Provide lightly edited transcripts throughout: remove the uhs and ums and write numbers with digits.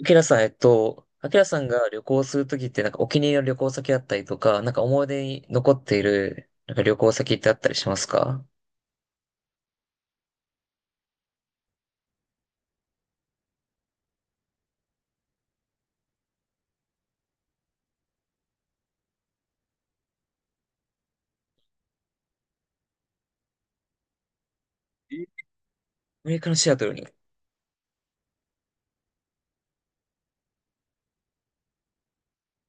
アキラさん、アキラさんが旅行するときって、お気に入りの旅行先だったりとか、思い出に残っている、なんか旅行先ってあったりしますか？え、アメリカのシアトルに。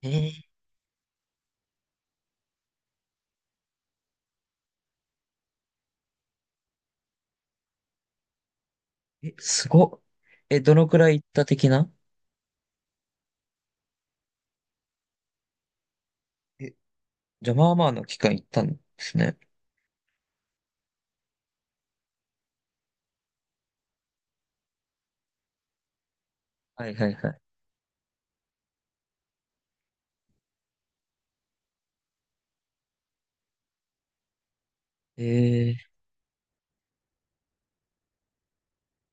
えー、えすごっ。え、どのくらい行った的な？え、じゃあまあまあの期間行ったんですね。はいはいはい。え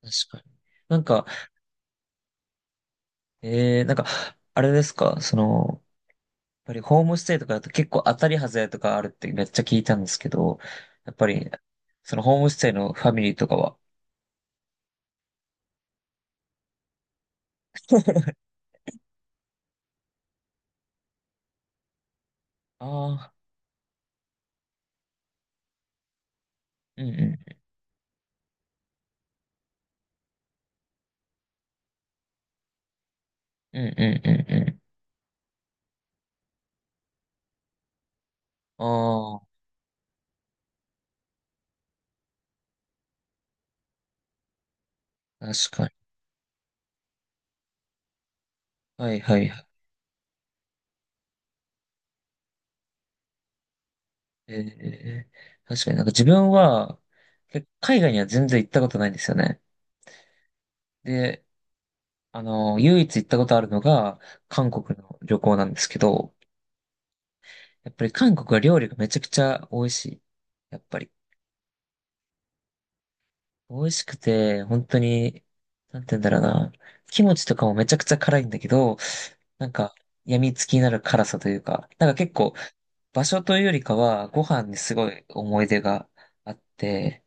ー、確かに。なんか、えー、なんか、あれですか、その、ぱりホームステイとかだと結構当たり外れとかあるってめっちゃ聞いたんですけど、やっぱり、そのホームステイのファミリーとかは？ああ、うんうん、うんうんうんうん。ああ、確かに。はいはいはい。え確かに自分は、け海外には全然行ったことないんですよね。で、あの、唯一行ったことあるのが、韓国の旅行なんですけど、やっぱり韓国は料理がめちゃくちゃ美味しい。やっぱり。美味しくて、本当に、なんて言うんだろうな。キムチとかもめちゃくちゃ辛いんだけど、なんか、病みつきになる辛さというか、なんか結構、場所というよりかは、ご飯にすごい思い出があって、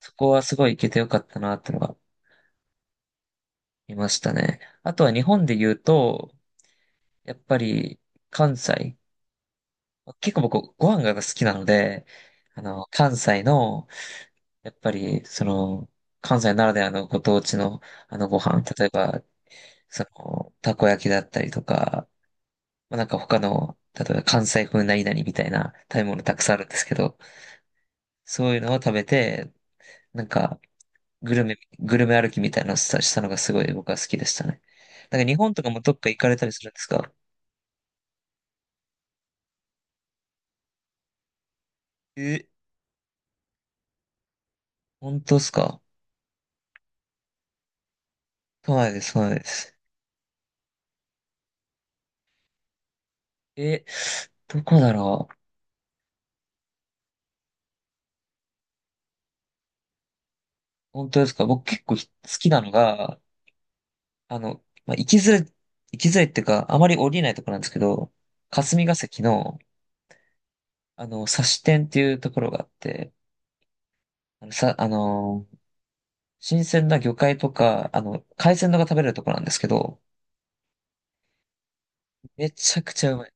そこはすごい行けてよかったなってのが見ましたね。あとは日本で言うと、やっぱり関西。結構僕ご飯が好きなので、あの、関西の、やっぱり、その、関西ならではのご当地のあのご飯、例えばその、たこ焼きだったりとか、まあ、なんか他の、例えば関西風何々みたいな食べ物たくさんあるんですけど、そういうのを食べて、なんか、グルメ歩きみたいなのをしたのがすごい僕は好きでしたね。なんか日本とかもどっか行かれたりするんですか？え、本当ですか？都内です、都内です。え、どこだろう？本当ですか？僕結構ひ好きなのが、あの、まあ、行きづらいっていうか、あまり降りないところなんですけど、霞が関の、あの、刺し店っていうところがあって、あの、さ、あの、新鮮な魚介とか、あの、海鮮のが食べれるところなんですけど、めちゃくちゃうまい。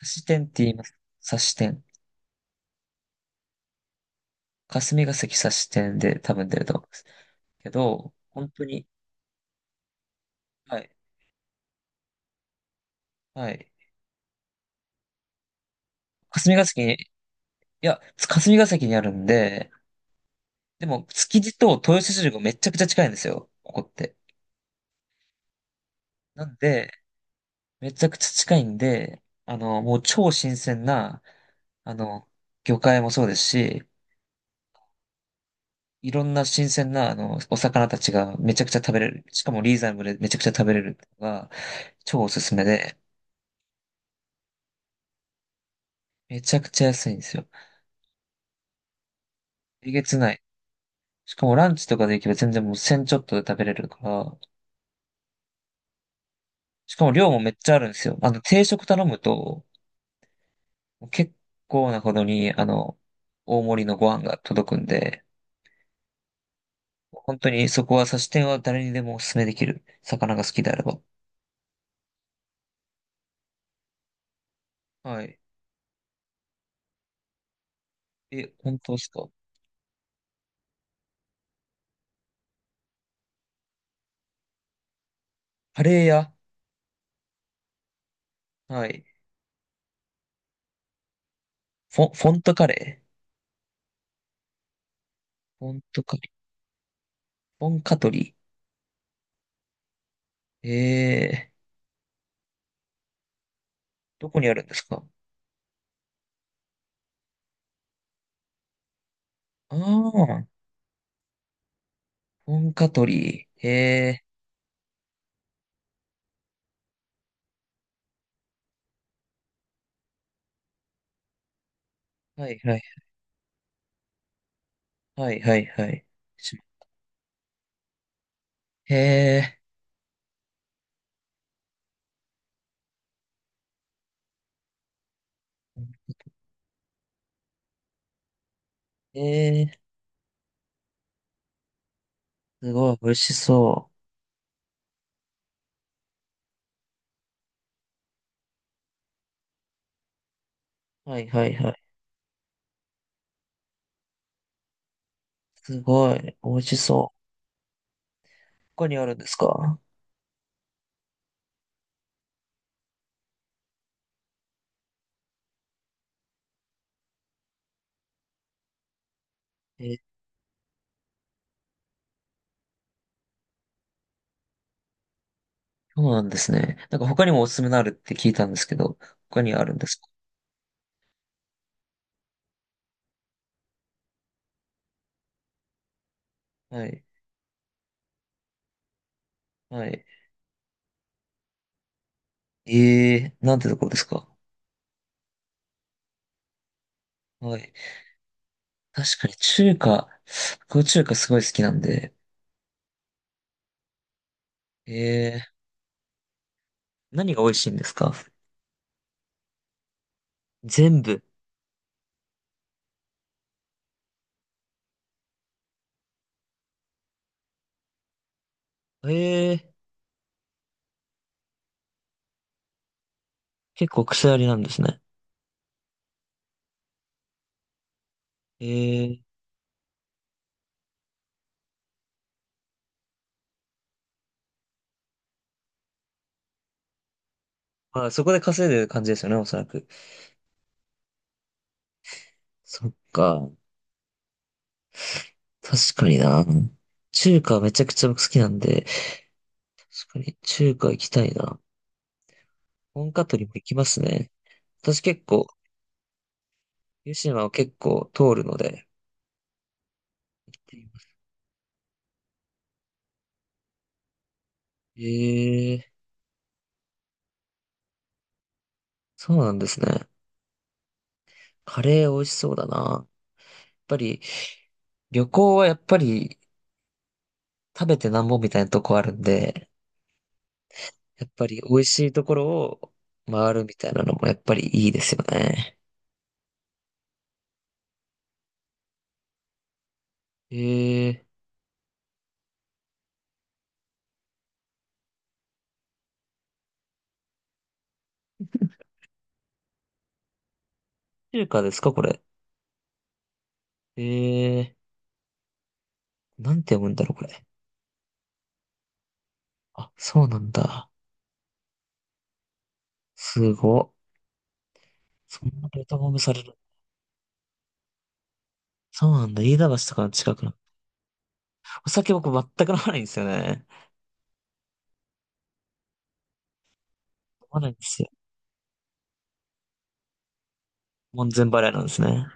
刺し店って言います。刺し店。霞ヶ関刺し店で多分出ると思います。けど、本当に、はい、はい。霞ヶ関に、いや、霞ヶ関にあるんで、でも、築地と豊洲市場がめちゃくちゃ近いんですよ、ここって。なんで、めちゃくちゃ近いんで、あの、もう超新鮮な、あの、魚介もそうですし、いろんな新鮮な、あの、お魚たちがめちゃくちゃ食べれる。しかもリーズナブルでめちゃくちゃ食べれるのが超おすすめで、めちゃくちゃ安いんですよ。えげつない。しかもランチとかで行けば全然もう1000ちょっとで食べれるから、しかも量もめっちゃあるんですよ。あの、定食頼むと、結構なほどに、あの、大盛りのご飯が届くんで、本当にそこは差し店は誰にでもおすすめできる。魚が好きであれば。はい。え、本当ですか？カレー屋？はい。フォ、フォントカレー？本とか、本カトリー。えー、どこにあるんですか？ああー、本カトリー。えー、はいはい、はいはいはい。しえー、えー、すごい、美味しそう。はいはいはい。すごい、美味しそう。他にあるんですか？えー、そうなんですね。なんか他にもおすすめのあるって聞いたんですけど、他にあるんですか？はい、はい。えー、なんてところですか？はい。確かに中華、僕中華すごい好きなんで、え、何が美味しいんですか？全部。ええ、結構癖ありなんですね。ええ、まあそこで稼いでる感じですよね、おそらく。そっか。確かにな。中華めちゃくちゃ僕好きなんで、確かに中華行きたいな。本格にも行きますね。私結構、湯島を結構通るので、行ってみます。ええ、そうなんですね。カレー美味しそうだな。やっぱり、旅行はやっぱり食べてなんぼみたいなとこあるんで、やっぱり美味しいところを回るみたいなのもやっぱりいいですよね。え中華ですかこれ？えー、なんて読むんだろうこれ。あ、そうなんだ。すご。そんなベタ褒めされる。そうなんだ。飯田橋とかの近くの。お酒僕全く飲まないんですよね。飲まないんですよ。門前払いなんですね。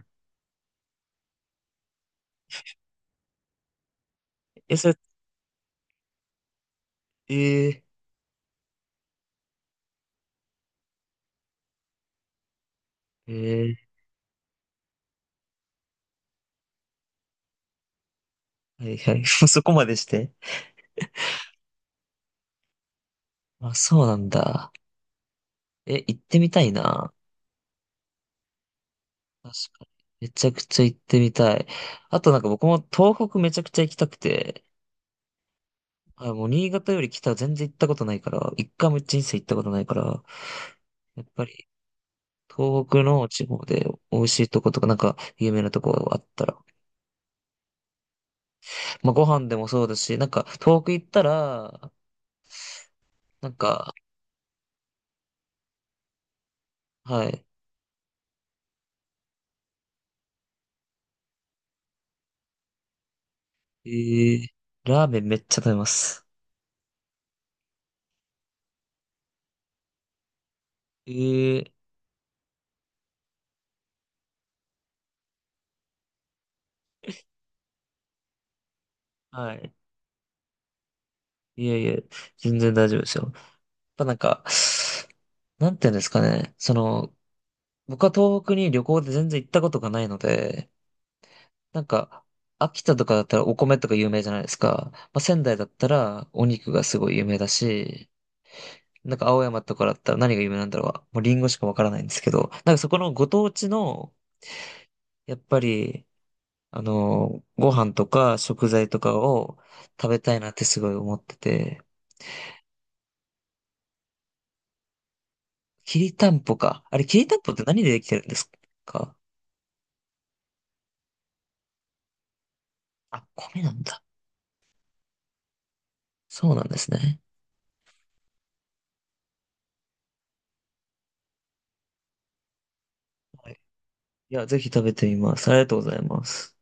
え、それ、えー、えー、はいはい。そこまでして。あ、そうなんだ。え、行ってみたいな。確かに。めちゃくちゃ行ってみたい。あとなんか僕も東北めちゃくちゃ行きたくて、あ、もう新潟より北は全然行ったことないから、一回も人生行ったことないから、やっぱり東北の地方で美味しいとことかなんか有名なとこがあったら、まあご飯でもそうだし、なんか東北行ったら、なんか、はい。えー、ラーメンめっちゃ食べます。えー、はい。いやいや、全然大丈夫ですよ。やっぱなんか、なんていうんですかね。その、僕は東北に旅行で全然行ったことがないので、なんか、秋田とかだったらお米とか有名じゃないですか。まあ、仙台だったらお肉がすごい有名だし、なんか青山とかだったら何が有名なんだろう。もうリンゴしかわからないんですけど、なんかそこのご当地の、やっぱり、あの、ご飯とか食材とかを食べたいなってすごい思ってて、きりたんぽか。あれ、きりたんぽって何でできてるんですか？あ、米なんだ。そうなんですね。いや、ぜひ食べてみます。ありがとうございます。